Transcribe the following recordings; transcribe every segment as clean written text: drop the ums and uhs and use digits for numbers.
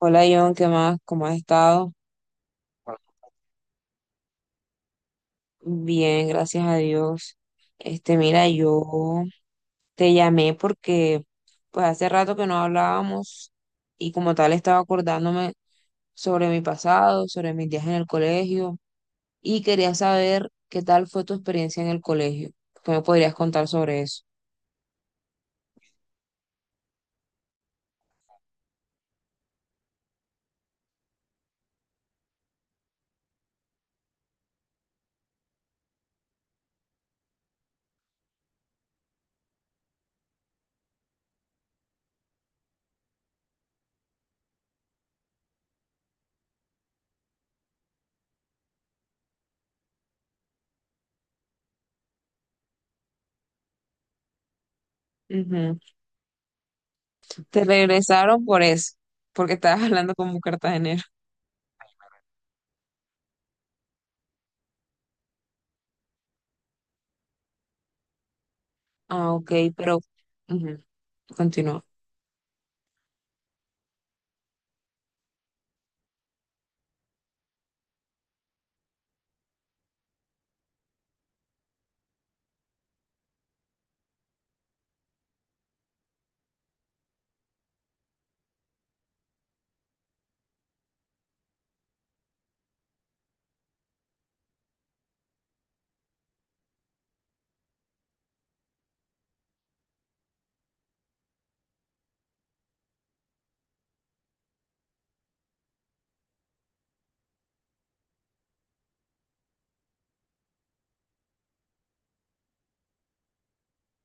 Hola John, ¿qué más? ¿Cómo has estado? Bien, gracias a Dios. Este, mira, yo te llamé porque pues hace rato que no hablábamos y como tal estaba acordándome sobre mi pasado, sobre mis días en el colegio y quería saber qué tal fue tu experiencia en el colegio. ¿Qué me podrías contar sobre eso? Ujú. Te regresaron por eso, porque estabas hablando como un cartagenero. Ah, ok, pero ujú, continúa.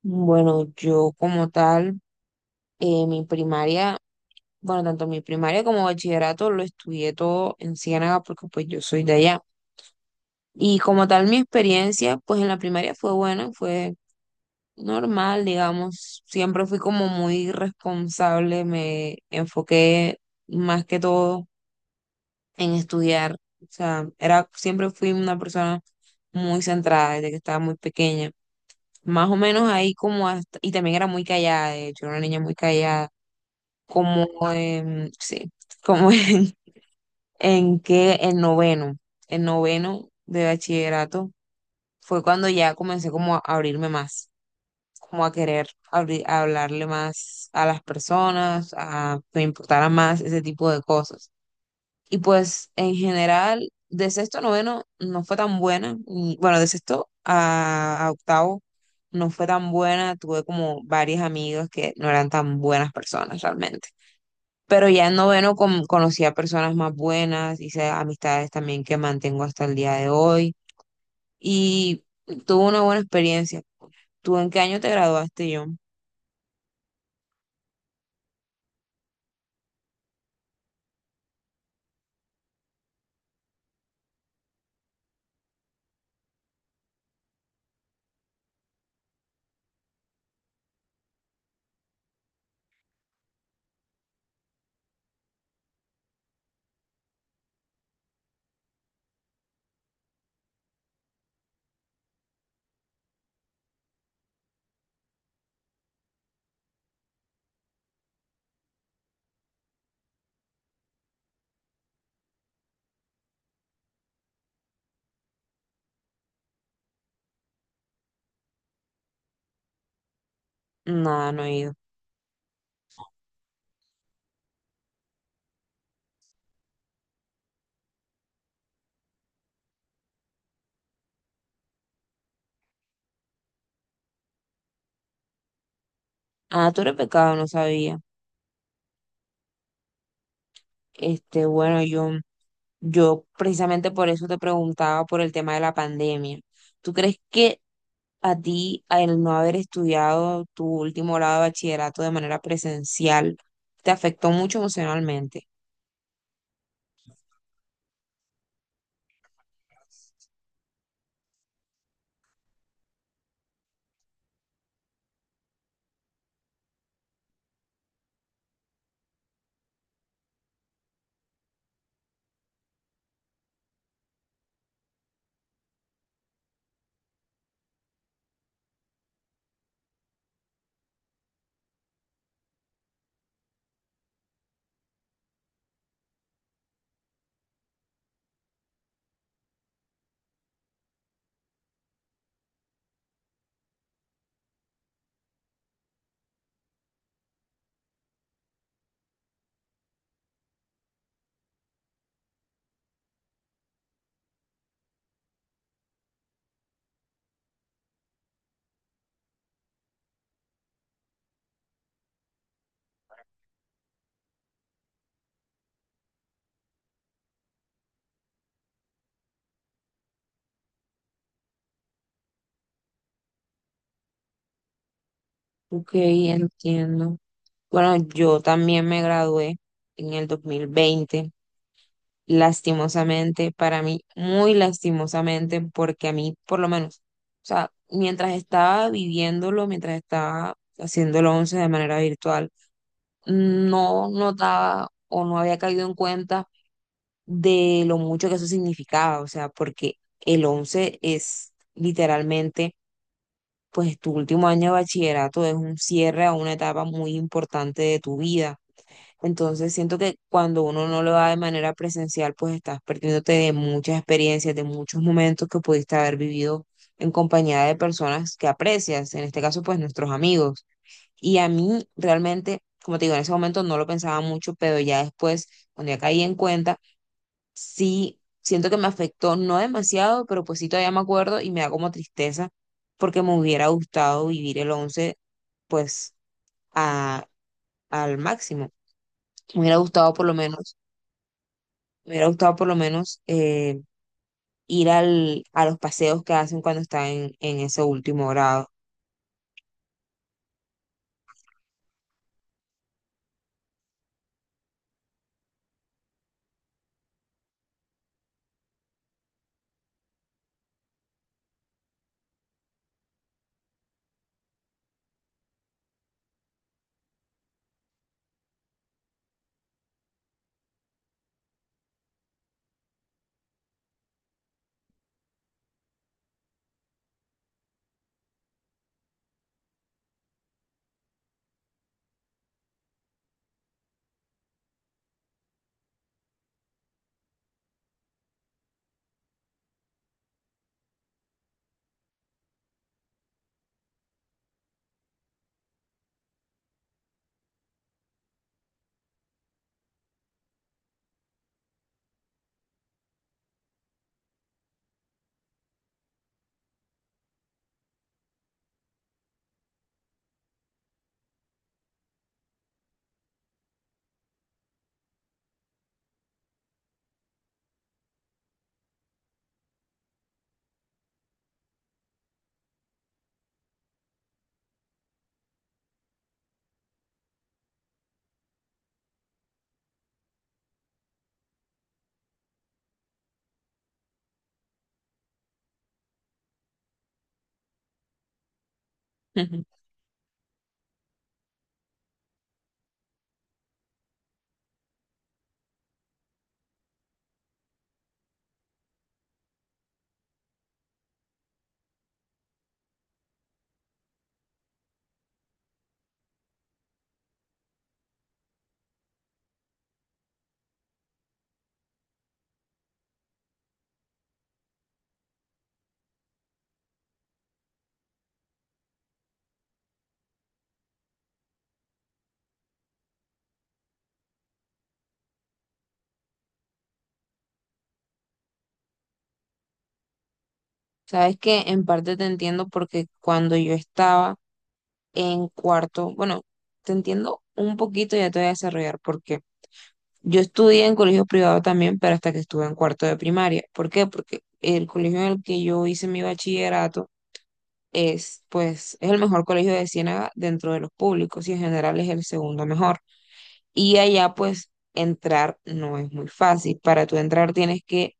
Bueno, yo como tal. Mi primaria, bueno, tanto mi primaria como bachillerato lo estudié todo en Ciénaga porque pues yo soy de allá. Y como tal mi experiencia, pues en la primaria fue buena, fue normal, digamos. Siempre fui como muy responsable, me enfoqué más que todo en estudiar. O sea, era, siempre fui una persona muy centrada desde que estaba muy pequeña. Más o menos ahí como hasta, y también era muy callada, de hecho, era una niña muy callada como en, sí, como en que el noveno de bachillerato fue cuando ya comencé como a abrirme más, como a querer abrir, a hablarle más a las personas, a que me importara más ese tipo de cosas. Y pues en general, de sexto a noveno no fue tan buena, y, bueno, de sexto a octavo no fue tan buena, tuve como varias amigas que no eran tan buenas personas realmente. Pero ya en noveno conocí a personas más buenas, hice amistades también que mantengo hasta el día de hoy y tuve una buena experiencia. ¿Tú en qué año te graduaste, John? No, no he ido. Ah, tú eres pecado, no sabía. Este, bueno, John, yo precisamente por eso te preguntaba por el tema de la pandemia. ¿Tú crees que a ti, al no haber estudiado tu último grado de bachillerato de manera presencial, te afectó mucho emocionalmente? Ok, entiendo. Bueno, yo también me gradué en el 2020. Lastimosamente, para mí, muy lastimosamente, porque a mí, por lo menos, o sea, mientras estaba viviéndolo, mientras estaba haciendo haciéndolo 11 de manera virtual, no notaba o no había caído en cuenta de lo mucho que eso significaba, o sea, porque el 11 es literalmente pues tu último año de bachillerato es un cierre a una etapa muy importante de tu vida. Entonces siento que cuando uno no lo da de manera presencial, pues estás perdiéndote de muchas experiencias, de muchos momentos que pudiste haber vivido en compañía de personas que aprecias, en este caso pues nuestros amigos. Y a mí realmente, como te digo, en ese momento no lo pensaba mucho, pero ya después, cuando ya caí en cuenta, sí siento que me afectó, no demasiado, pero pues sí todavía me acuerdo y me da como tristeza porque me hubiera gustado vivir el 11 pues a, al máximo. Me hubiera gustado por lo menos, me hubiera gustado por lo menos ir al, a los paseos que hacen cuando están en ese último grado. Sabes que en parte te entiendo porque cuando yo estaba en cuarto, bueno, te entiendo un poquito, ya te voy a desarrollar porque yo estudié en colegio privado también, pero hasta que estuve en cuarto de primaria. ¿Por qué? Porque el colegio en el que yo hice mi bachillerato es, pues, es el mejor colegio de Ciénaga dentro de los públicos y en general es el segundo mejor. Y allá, pues, entrar no es muy fácil. Para tú entrar tienes que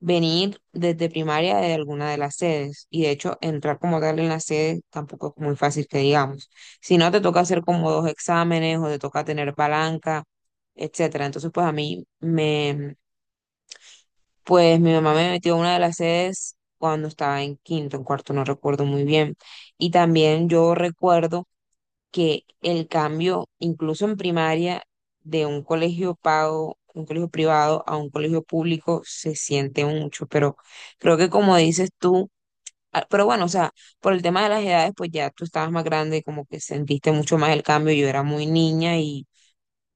venir desde primaria de alguna de las sedes. Y de hecho, entrar como tal en la sede tampoco es muy fácil que digamos. Si no, te toca hacer como dos exámenes o te toca tener palanca, etcétera. Entonces, pues a mí me, pues mi mamá me metió a una de las sedes cuando estaba en quinto, en cuarto, no recuerdo muy bien. Y también yo recuerdo que el cambio, incluso en primaria, de un colegio pago, un colegio privado a un colegio público se siente mucho, pero creo que como dices tú, ah, pero bueno, o sea, por el tema de las edades, pues ya tú estabas más grande, como que sentiste mucho más el cambio, yo era muy niña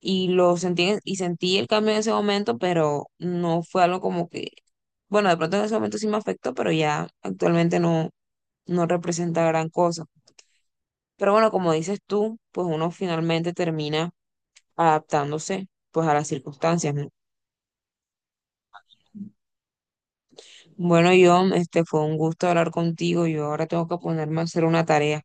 y lo sentí, y sentí el cambio en ese momento, pero no fue algo como que, bueno, de pronto en ese momento sí me afectó, pero ya actualmente no representa gran cosa. Pero bueno, como dices tú, pues uno finalmente termina adaptándose pues a las circunstancias, ¿no? Bueno, John, este fue un gusto hablar contigo. Yo ahora tengo que ponerme a hacer una tarea.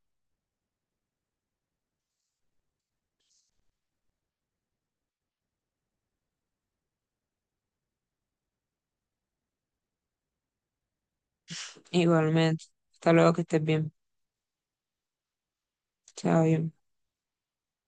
Igualmente. Hasta luego, que estés bien. Chao, John.